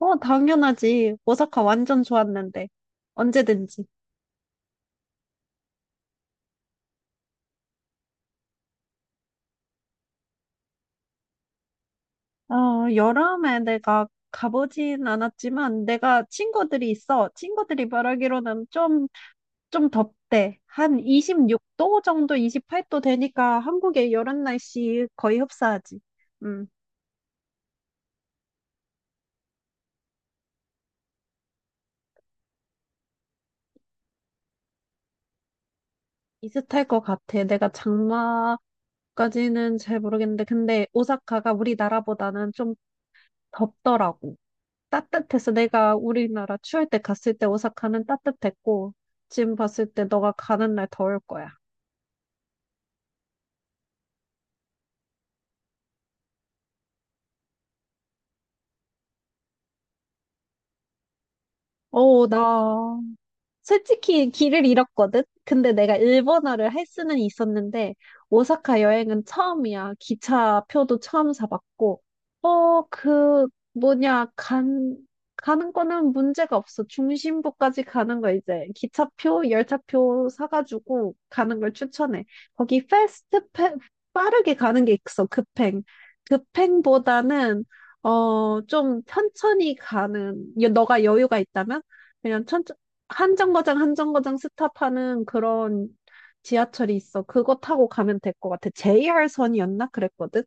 당연하지. 오사카 완전 좋았는데. 언제든지. 어, 여름에 내가 가보진 않았지만, 내가 친구들이 있어. 친구들이 말하기로는 좀 덥대. 한 26도 정도, 28도 되니까 한국의 여름 날씨 거의 흡사하지. 음, 비슷할 것 같아. 내가 장마까지는 잘 모르겠는데, 근데 오사카가 우리나라보다는 좀 덥더라고. 따뜻해서 내가 우리나라 추울 때 갔을 때 오사카는 따뜻했고, 지금 봤을 때 너가 가는 날 더울 거야. 나 솔직히 길을 잃었거든? 근데 내가 일본어를 할 수는 있었는데, 오사카 여행은 처음이야. 기차표도 처음 사봤고, 어, 그, 뭐냐, 간, 가는 거는 문제가 없어. 중심부까지 가는 거 이제 기차표, 열차표 사가지고 가는 걸 추천해. 거기 빠르게 가는 게 있어. 급행. 급행보다는, 좀 천천히 가는, 너가 여유가 있다면? 그냥 천천 한 정거장 한 정거장 스탑하는 그런 지하철이 있어. 그거 타고 가면 될 것 같아. JR선이었나? 그랬거든?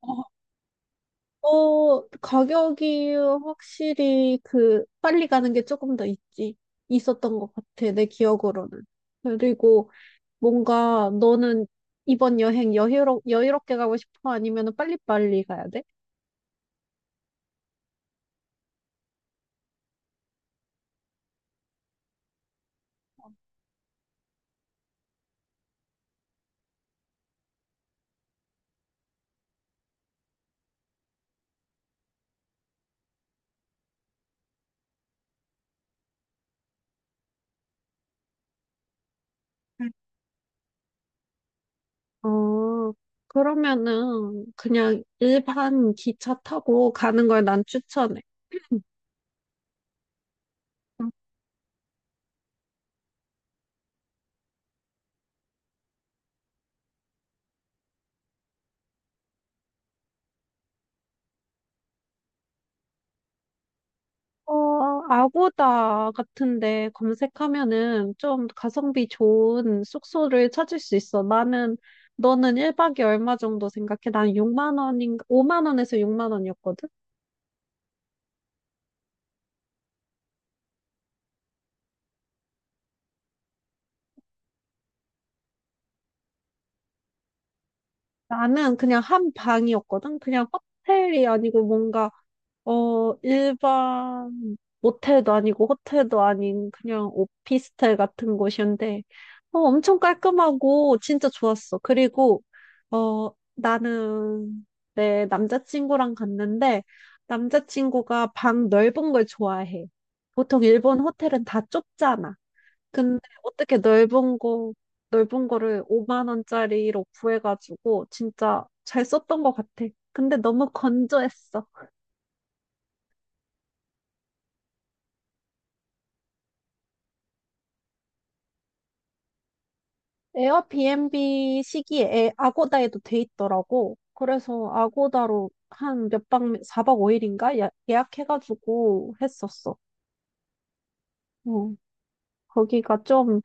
어, 가격이 확실히 그 빨리 가는 게 조금 더 있지. 있었던 것 같아. 내 기억으로는. 그리고 뭔가 너는 이번 여행 여유롭게 가고 싶어? 아니면 빨리빨리 가야 돼? 음. 어, 그러면은 그냥 일반 기차 타고 가는 걸 난 추천해. 아고다 같은데 검색하면은 좀 가성비 좋은 숙소를 찾을 수 있어. 너는 1박에 얼마 정도 생각해? 난 6만 원인가, 5만 원에서 6만 원이었거든? 나는 그냥 한 방이었거든? 그냥 호텔이 아니고 뭔가 일반 모텔도 아니고 호텔도 아닌 그냥 오피스텔 같은 곳이었는데, 엄청 깔끔하고 진짜 좋았어. 그리고, 어, 나는 내 남자친구랑 갔는데, 남자친구가 방 넓은 걸 좋아해. 보통 일본 호텔은 다 좁잖아. 근데 어떻게 넓은 거를 5만 원짜리로 구해가지고 진짜 잘 썼던 것 같아. 근데 너무 건조했어. 에어비앤비 시기에 아고다에도 돼 있더라고. 그래서 아고다로 4박 5일인가 예약해가지고 했었어. 어, 거기가 좀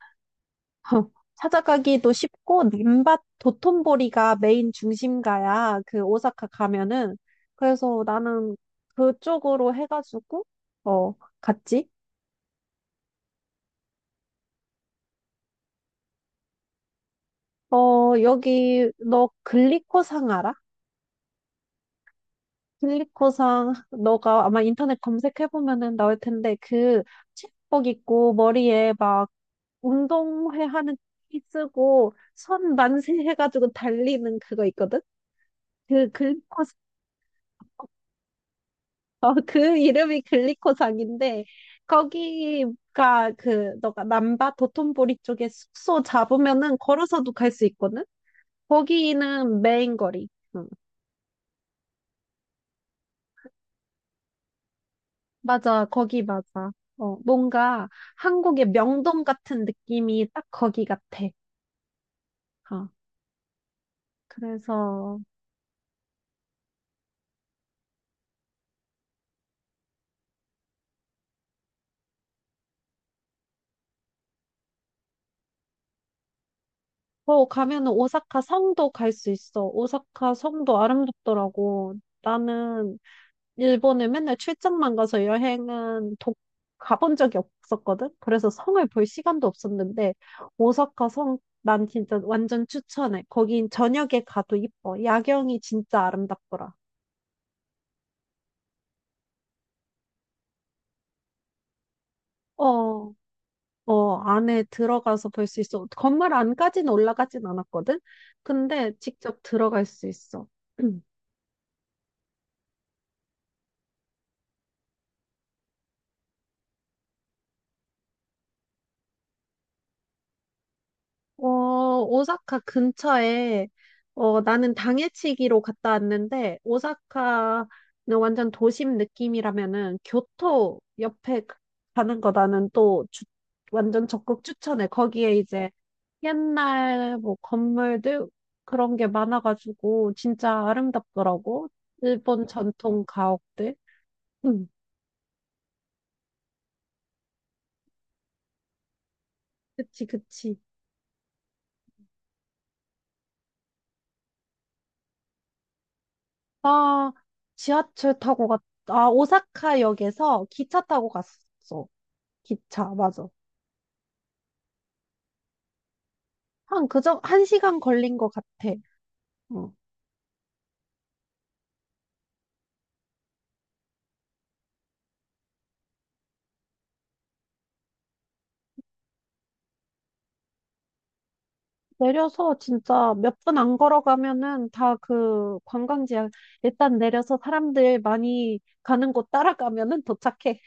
찾아가기도 쉽고 님밭 도톤보리가 메인 중심가야. 그 오사카 가면은. 그래서 나는 그쪽으로 해가지고 어, 갔지. 여기 너 글리코상 알아? 필리코상 너가 아마 인터넷 검색해보면은 나올 텐데 그 체육복 입고 머리에 막 운동회 하는 티 쓰고 손 만세 해가지고 달리는 그거 있거든? 그 글리코상 그 이름이 글리코상인데 거기가 그 너가 남바 도톤보리 쪽에 숙소 잡으면은 걸어서도 갈 수 있거든? 거기는 메인 거리. 응. 맞아, 거기 맞아. 뭔가 한국의 명동 같은 느낌이 딱 거기 같아. 어, 그래서, 가면은 오사카 성도 갈 수 있어. 오사카 성도 아름답더라고. 나는 일본에 맨날 출장만 가서 가본 적이 없었거든? 그래서 성을 볼 시간도 없었는데, 오사카 성, 난 진짜 완전 추천해. 거긴 저녁에 가도 이뻐. 야경이 진짜 아름답더라. 어, 안에 들어가서 볼 수 있어. 건물 안까지는 올라가진 않았거든? 근데 직접 들어갈 수 있어. 어, 오사카 근처에, 나는 당해치기로 갔다 왔는데, 오사카는 완전 도심 느낌이라면은, 교토 옆에 가는 거 나는 또 완전 적극 추천해. 거기에 이제 옛날 뭐 건물들 그런 게 많아가지고, 진짜 아름답더라고. 일본 전통 가옥들. 응, 그치, 그치. 아, 지하철 타고 갔, 아, 오사카역에서 기차 타고 갔어. 기차, 맞아. 한 시간 걸린 것 같아. 응. 내려서 진짜 몇 분 안 걸어가면은 다 그 관광지야. 일단 내려서 사람들 많이 가는 곳 따라가면은 도착해.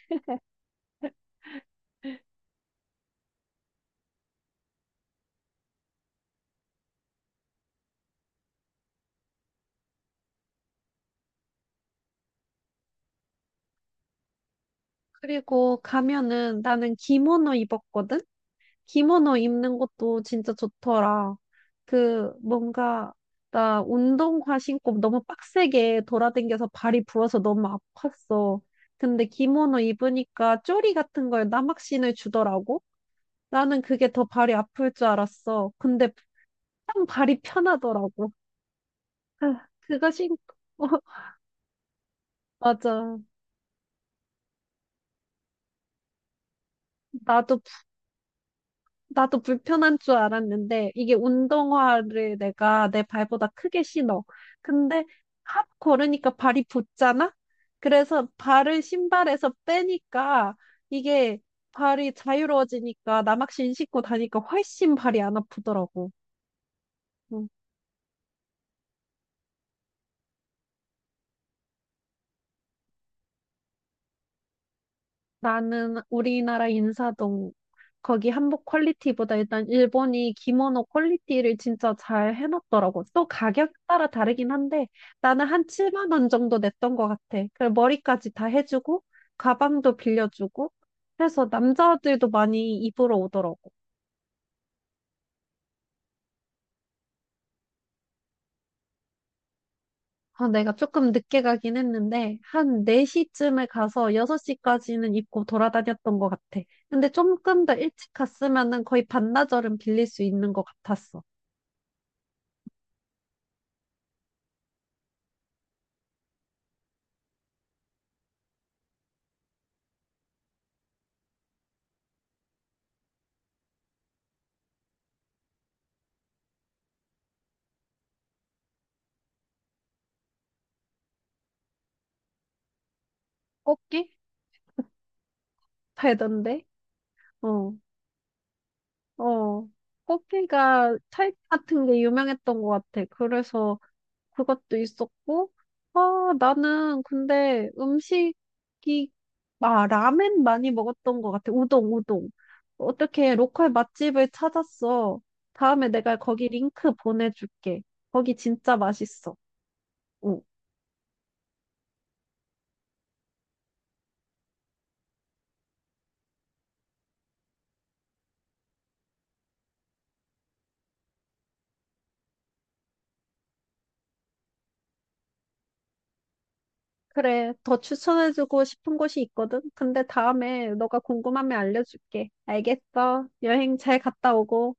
그리고 가면은 나는 기모노 입었거든? 기모노 입는 것도 진짜 좋더라. 그 뭔가 나 운동화 신고 너무 빡세게 돌아댕겨서 발이 부어서 너무 아팠어. 근데 기모노 입으니까 쪼리 같은 걸 나막신을 주더라고. 나는 그게 더 발이 아플 줄 알았어. 근데 딱 발이 편하더라고. 아, 그거 신고 맞아. 나도 나도 불편한 줄 알았는데 이게 운동화를 내가 내 발보다 크게 신어. 근데 핫 걸으니까 발이 붙잖아? 그래서 발을 신발에서 빼니까 이게 발이 자유로워지니까 나막신 신고 다니까 훨씬 발이 안 아프더라고. 응. 나는 우리나라 인사동 거기 한복 퀄리티보다 일단 일본이 기모노 퀄리티를 진짜 잘 해놨더라고. 또 가격 따라 다르긴 한데 나는 한 7만 원 정도 냈던 것 같아. 그리고 머리까지 다 해주고 가방도 빌려주고 해서 남자들도 많이 입으러 오더라고. 아, 내가 조금 늦게 가긴 했는데 한 4시쯤에 가서 6시까지는 입고 돌아다녔던 것 같아. 근데 조금 더 일찍 갔으면은 거의 반나절은 빌릴 수 있는 것 같았어. 꽃게 팔던데? 어. 어, 커피가 타입 같은 게 유명했던 것 같아. 그래서 그것도 있었고, 나는 근데 라멘 많이 먹었던 것 같아. 우동, 우동. 어떻게 로컬 맛집을 찾았어. 다음에 내가 거기 링크 보내줄게. 거기 진짜 맛있어. 응. 그래, 더 추천해주고 싶은 곳이 있거든. 근데 다음에 너가 궁금하면 알려줄게. 알겠어. 여행 잘 갔다 오고.